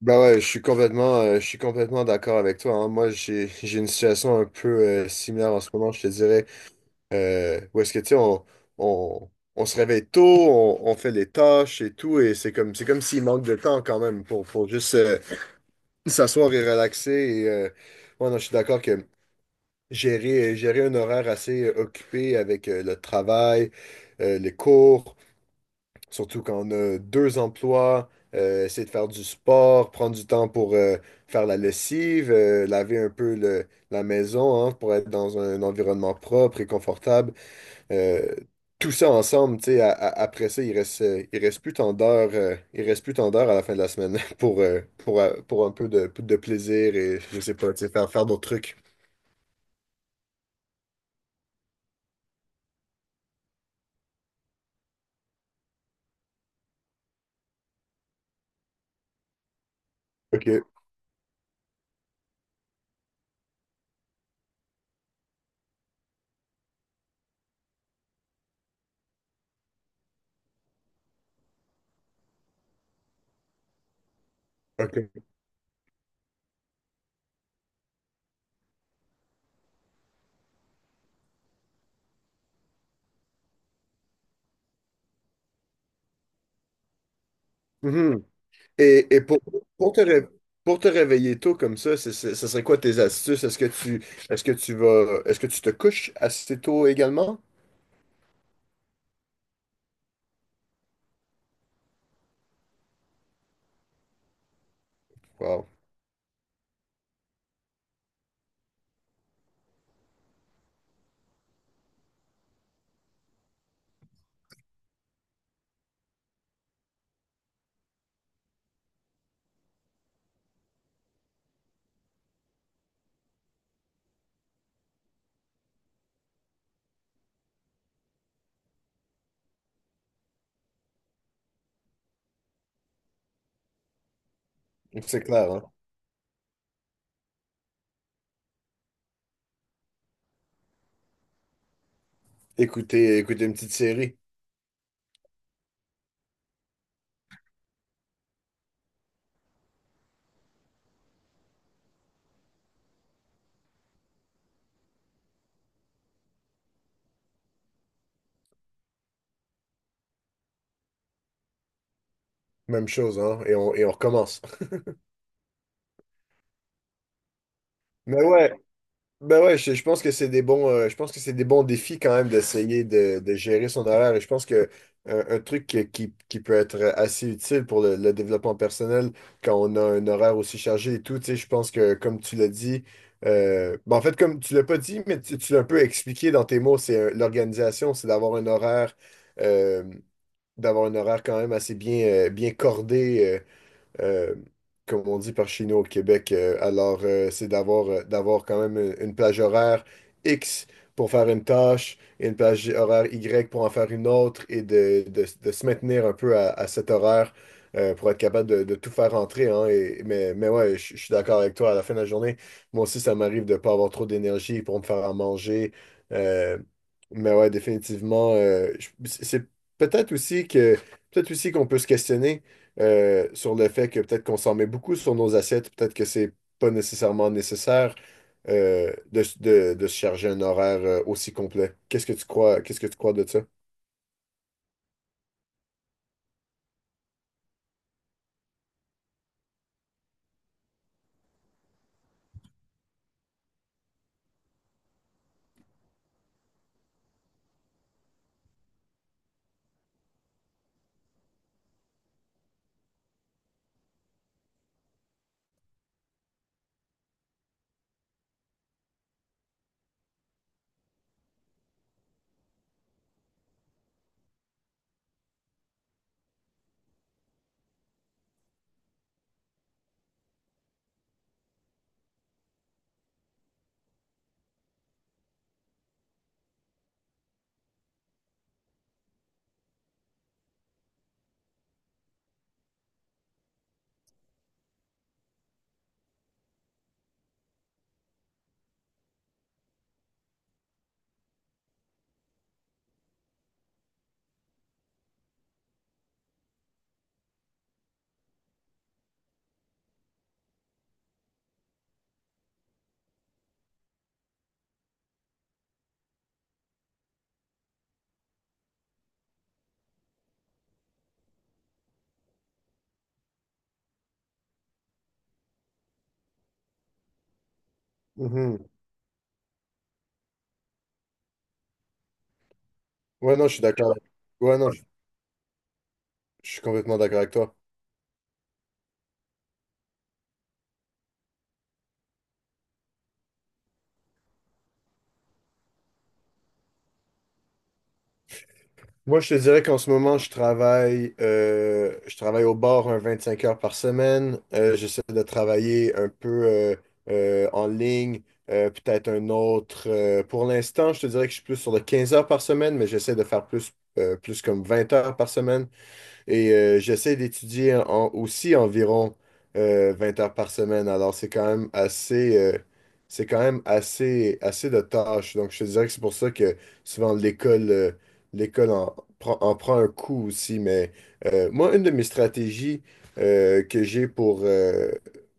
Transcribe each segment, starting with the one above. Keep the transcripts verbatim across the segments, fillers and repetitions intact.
Bah ouais, je suis complètement, euh, je suis complètement d'accord avec toi, hein. Moi, j'ai, j'ai une situation un peu euh, similaire en ce moment, je te dirais. Euh, où est-ce que, tu sais, on, on, on se réveille tôt, on, on fait les tâches et tout, et c'est comme, c'est comme s'il manque de temps quand même pour, pour juste euh, s'asseoir et relaxer. Et, euh, ouais, non, je suis d'accord que gérer, gérer un horaire assez occupé avec euh, le travail, euh, les cours. Surtout quand on a deux emplois, euh, essayer de faire du sport, prendre du temps pour euh, faire la lessive, euh, laver un peu le- la maison, hein, pour être dans un environnement propre et confortable. Euh, tout ça ensemble, tu sais, a- a- après ça, il reste, euh, il reste plus tant d'heures, euh, il reste plus tant d'heures à la fin de la semaine pour, euh, pour, euh, pour un peu de, de plaisir et je sais pas, tu sais, faire, faire d'autres trucs. OK, OK. Mhm. Et, et pour, pour te ré- pour te réveiller tôt comme ça, c'est- c'est- ce serait quoi tes astuces? Est-ce que tu est-ce que tu vas est-ce que tu te couches assez tôt également? Wow. C'est clair, hein? Écouter, écouter une petite série, même chose, hein? Et on, et on recommence. Mais ouais. Ben ouais, je, je pense que c'est des bons, euh, je pense que c'est des bons défis quand même d'essayer de, de gérer son horaire. Et je pense que euh, un truc qui, qui, qui peut être assez utile pour le, le développement personnel quand on a un horaire aussi chargé et tout, tu sais, je pense que comme tu l'as dit, euh, ben en fait, comme tu l'as pas dit, mais tu, tu l'as un peu expliqué dans tes mots, c'est euh, l'organisation, c'est d'avoir un horaire, euh, d'avoir un horaire quand même assez bien, euh, bien cordé, euh, euh, comme on dit par chez nous au Québec. Euh, alors, euh, c'est d'avoir euh, d'avoir quand même une, une plage horaire X pour faire une tâche et une plage horaire Y pour en faire une autre et de, de- de se maintenir un peu à, à cet horaire euh, pour être capable de, de tout faire rentrer, hein. Et- mais, mais ouais, je je suis d'accord avec toi. À la fin de la journée, moi aussi, ça m'arrive de ne pas avoir trop d'énergie pour me faire à manger. Euh, mais ouais, définitivement, euh, je- c'est c'est peut-être aussi que peut-être aussi qu'on peut se questionner euh, sur le fait que peut-être qu'on s'en met beaucoup sur nos assiettes, peut-être que c'est pas nécessairement nécessaire euh, de, s- de- de se charger un horaire euh, aussi complet. Qu'est-ce que tu crois, qu'est-ce que tu crois de ça? Mhm. Ouais, non, je suis d'accord. Ouais, non, je je suis complètement d'accord avec toi. Moi, je te dirais qu'en ce moment, je travaille, euh, je travaille au bar un vingt-cinq heures par semaine. Euh, j'essaie de travailler un peu euh, euh, en ligne, euh, peut-être un autre, euh, pour l'instant, je te dirais que je suis plus sur le quinze heures par semaine, mais j'essaie de faire plus, euh, plus comme vingt heures par semaine. Et euh, j'essaie d'étudier en- aussi environ euh, vingt heures par semaine. Alors, c'est quand même assez, euh, c'est quand même assez, assez de tâches. Donc, je te dirais que c'est pour ça que souvent l'école euh, l'école en, prend en prend un coup aussi. Mais euh, moi, une de mes stratégies euh, que j'ai pour, euh,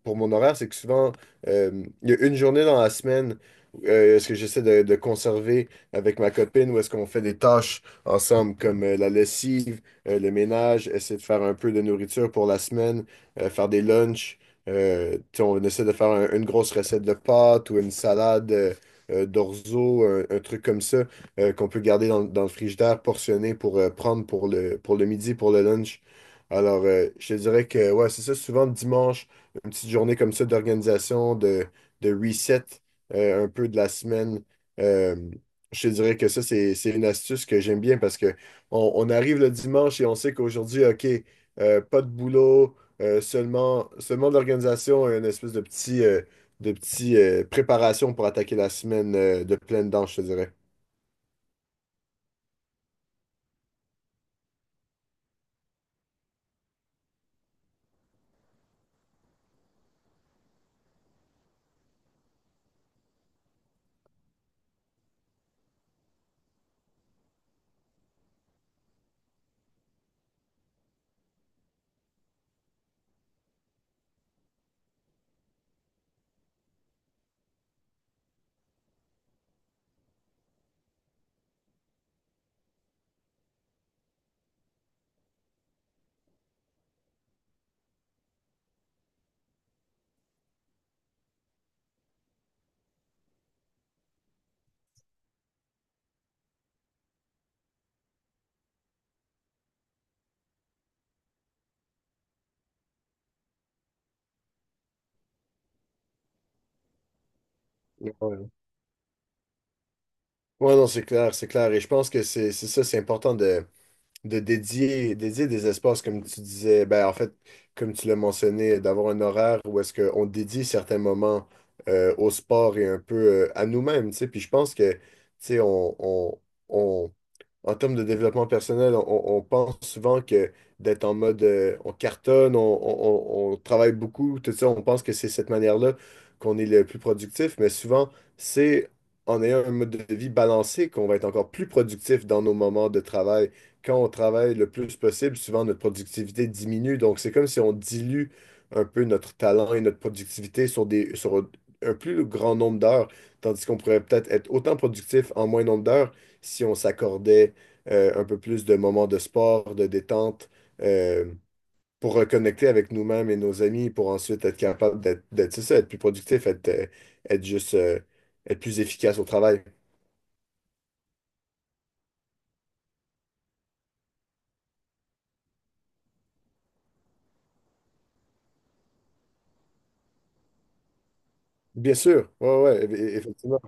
pour mon horaire, c'est que souvent, euh, il y a une journée dans la semaine, euh, est-ce que j'essaie de, de conserver avec ma copine ou est-ce qu'on fait des tâches ensemble comme euh, la lessive, euh, le ménage, essayer de faire un peu de nourriture pour la semaine, euh, faire des lunchs. Euh, tu sais, on essaie de faire un- une grosse recette de pâtes ou une salade euh, euh, d'orzo, un, un truc comme ça euh, qu'on peut garder dans, dans le frigidaire, portionné pour euh, prendre pour le, pour le midi, pour le lunch. Alors, euh, je te dirais que ouais, c'est ça, souvent le dimanche, une petite journée comme ça d'organisation, de, de reset euh, un peu de la semaine. Euh, je te dirais que ça, c'est, c'est une astuce que j'aime bien parce que on, on arrive le dimanche et on sait qu'aujourd'hui, OK, euh, pas de boulot, euh, seulement, seulement de l'organisation et une espèce de petit, euh, de petit euh, préparation pour attaquer la semaine euh, de pleine dent, je te dirais. Ouais, Ouais, non, c'est clair, c'est clair. Et je pense que c'est c'est ça, c'est important de, de dédier, dédier des espaces, comme tu disais, ben, en fait, comme tu l'as mentionné, d'avoir un horaire où est-ce qu'on dédie certains moments euh, au sport et un peu euh, à nous-mêmes, tu sais. Puis je pense que, tu sais, on, on, on- en termes de développement personnel, on, on on pense souvent que d'être en mode euh, on cartonne, on, on- on- on travaille beaucoup, tout ça, on pense que c'est cette manière-là qu'on est le plus productif, mais souvent, c'est en ayant un mode de vie balancé qu'on va être encore plus productif dans nos moments de travail. Quand on travaille le plus possible, souvent notre productivité diminue, donc c'est comme si on dilue un peu notre talent et notre productivité sur des, sur un plus grand nombre d'heures, tandis qu'on pourrait peut-être être autant productif en moins nombre d'heures si on s'accordait euh, un peu plus de moments de sport, de détente, euh, pour reconnecter avec nous-mêmes et nos amis, pour ensuite être capable d'être, d'être, c'est ça, être plus productif, être, euh, être juste, euh, être plus efficace au travail. Bien sûr, ouais, ouais, e- e- effectivement,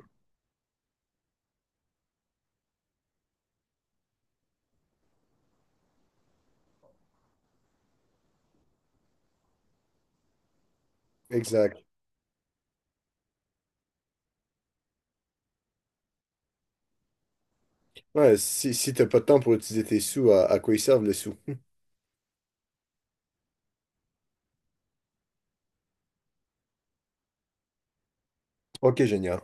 exact. Ouais, si, si t'as pas de temps pour utiliser tes sous, à, à quoi ils servent les sous? Ok, génial.